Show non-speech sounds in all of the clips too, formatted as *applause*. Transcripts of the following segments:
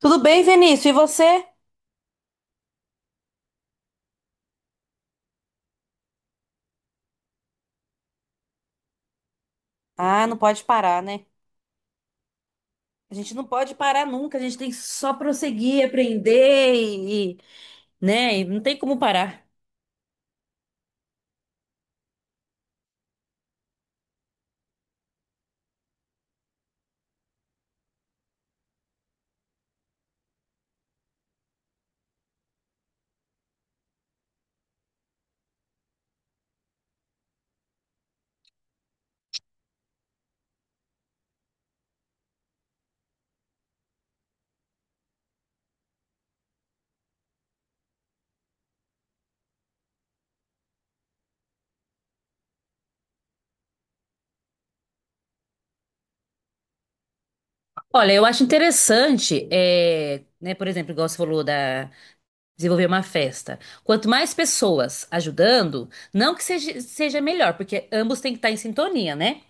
Tudo bem, Vinícius? E você? Ah, não pode parar, né? A gente não pode parar nunca, a gente tem que só prosseguir, aprender né? E não tem como parar. Olha, eu acho interessante, é, né, por exemplo, igual você falou da desenvolver uma festa. Quanto mais pessoas ajudando, não que seja melhor, porque ambos têm que estar em sintonia, né?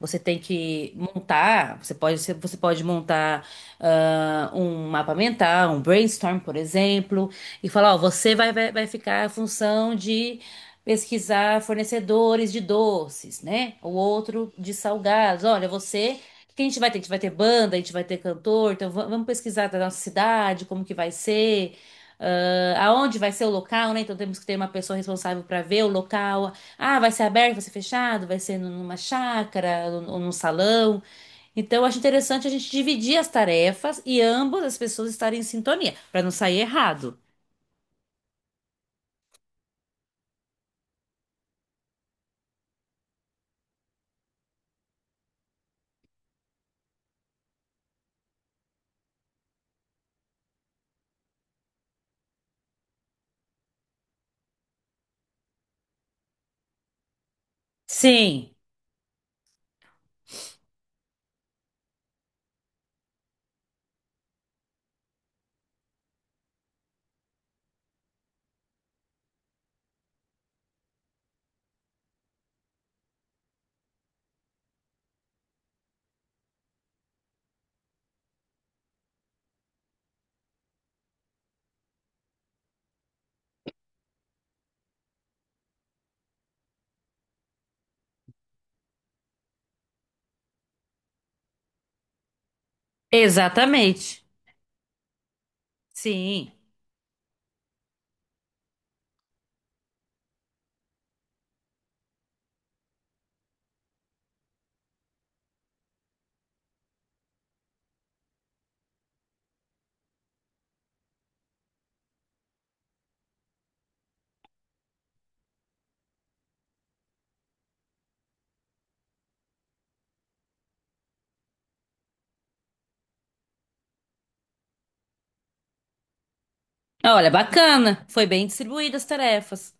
Você tem que montar, você pode montar um mapa mental, um brainstorm, por exemplo, e falar, ó, você vai ficar a função de pesquisar fornecedores de doces, né? O outro de salgados. Olha, você o que a gente vai ter? A gente vai ter banda, a gente vai ter cantor, então vamos pesquisar da nossa cidade, como que vai ser aonde vai ser o local, né? Então temos que ter uma pessoa responsável para ver o local. Ah, vai ser aberto, vai ser fechado, vai ser numa chácara ou num salão. Então, eu acho interessante a gente dividir as tarefas e ambas as pessoas estarem em sintonia, para não sair errado. Sim, exatamente. Sim. Olha, bacana. Foi bem distribuídas as tarefas.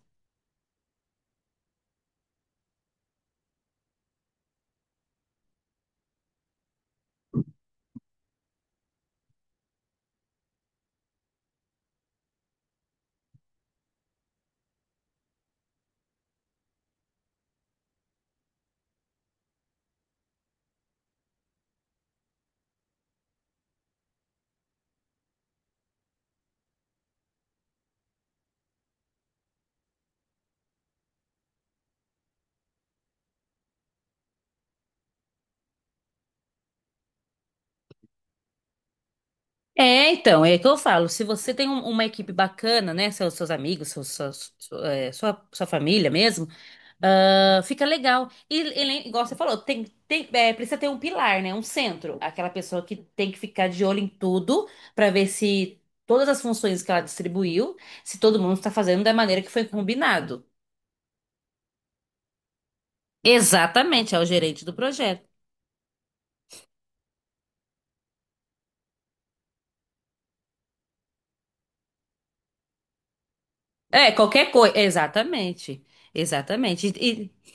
É, então, é o que eu falo, se você tem uma equipe bacana, né, seus amigos, seus, suas- su- é, sua, sua família mesmo, fica legal. Igual você falou, precisa ter um pilar, né, um centro, aquela pessoa que tem que ficar de olho em tudo para ver se todas as funções que ela distribuiu, se todo mundo está fazendo da maneira que foi combinado. Exatamente, é o gerente do projeto. É, qualquer coisa, exatamente.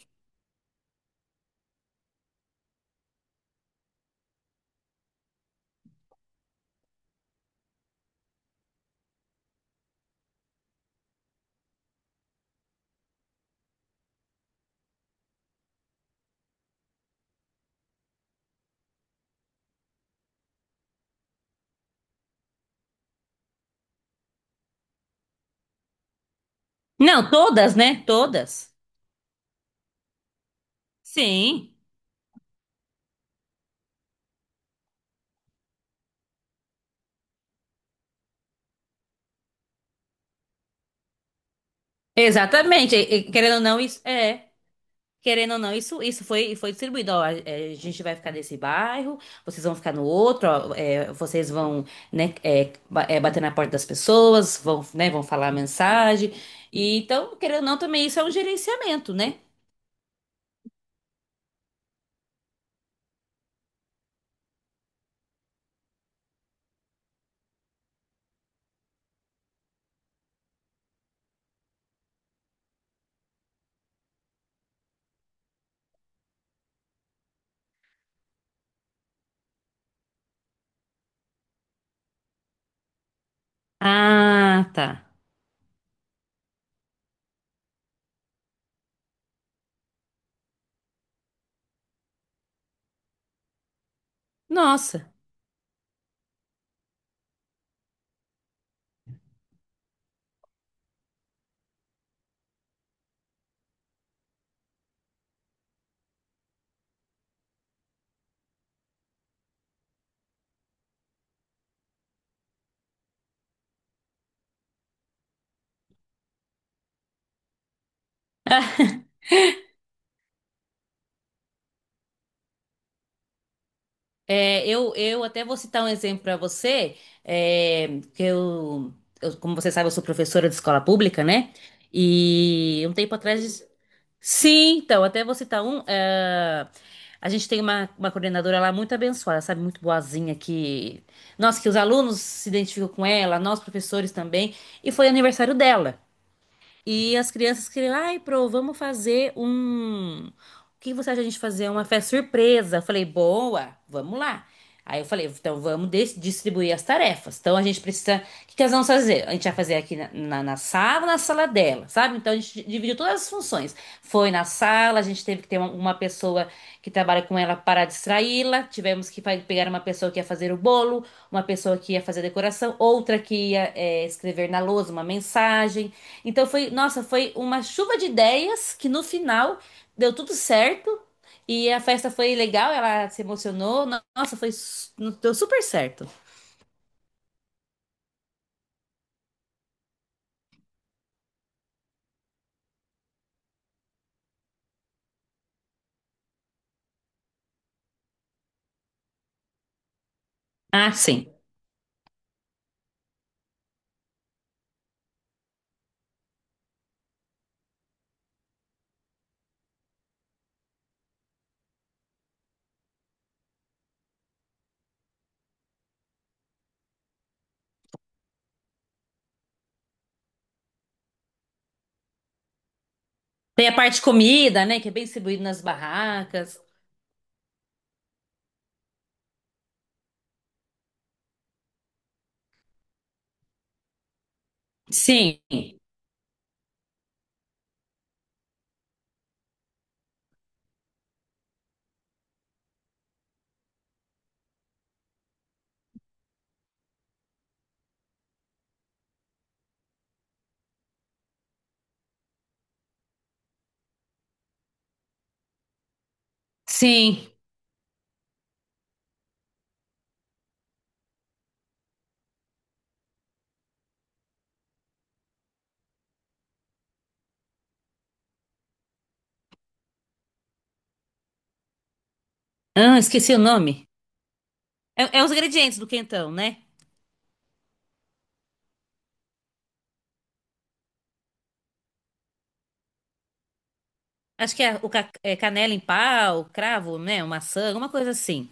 Não, todas, né, todas. Sim. Exatamente. Querendo ou não, isso é. Querendo ou não, foi distribuído. Ó, a, é, a gente vai ficar nesse bairro, vocês vão ficar no outro, ó, é, vocês vão, né, bater na porta das pessoas, vão, né, vão falar a mensagem. E, então, querendo ou não, também isso é um gerenciamento, né? Ah, tá. Nossa. É, eu até vou citar um exemplo para você, é, que como você sabe, eu sou professora de escola pública, né? E um tempo atrás. Sim, então, até vou citar um. A gente tem uma coordenadora lá muito abençoada, sabe? Muito boazinha, que. Nossa, que os alunos se identificam com ela, nós professores também. E foi aniversário dela. E as crianças queriam, ai, pro, vamos fazer um. O que você acha a gente fazer? Uma festa surpresa. Eu falei, boa, vamos lá. Aí eu falei, então vamos distribuir as tarefas. Então a gente precisa. O que que nós vamos fazer? A gente vai fazer aqui na sala dela, sabe? Então a gente dividiu todas as funções. Foi na sala, a gente teve que ter uma pessoa que trabalha com ela para distraí-la. Tivemos que pegar uma pessoa que ia fazer o bolo, uma pessoa que ia fazer a decoração, outra que ia escrever na lousa uma mensagem. Então foi, nossa, foi uma chuva de ideias que no final deu tudo certo e a festa foi legal, ela se emocionou. Nossa, deu super certo. Ah, sim. Tem a parte de comida, né, que é bem distribuído nas barracas. Sim, sim. Ah, esqueci o nome. É, é os ingredientes do quentão, né? Acho que é, é canela em pau, cravo, né, maçã, alguma coisa assim.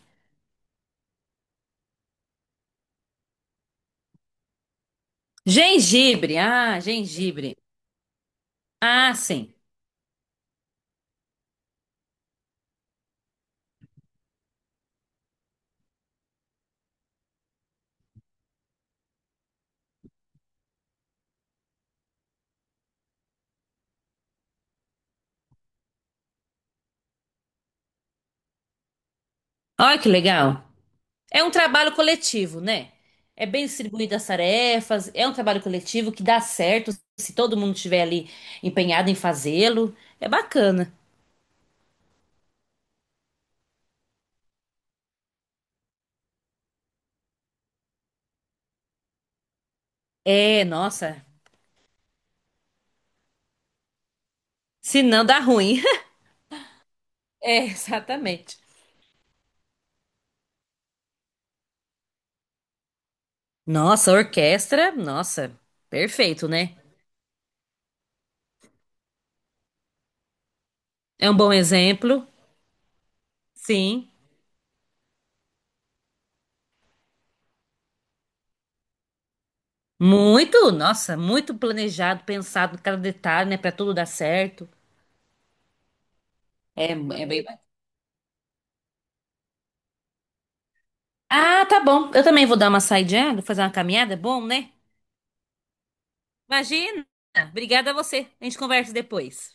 Gengibre. Ah, sim. Olha que legal. É um trabalho coletivo, né? É bem distribuído as tarefas, é um trabalho coletivo que dá certo se todo mundo estiver ali empenhado em fazê-lo. É bacana. É, nossa. Se não, dá ruim. *laughs* É, exatamente. Nossa, a orquestra, nossa, perfeito, né? É um bom exemplo. Sim. Muito, nossa, muito planejado, pensado em cada detalhe, né, pra tudo dar certo. É, é bem. Ah, tá bom. Eu também vou dar uma saidinha, vou fazer uma caminhada, é bom, né? Imagina! Obrigada a você. A gente conversa depois.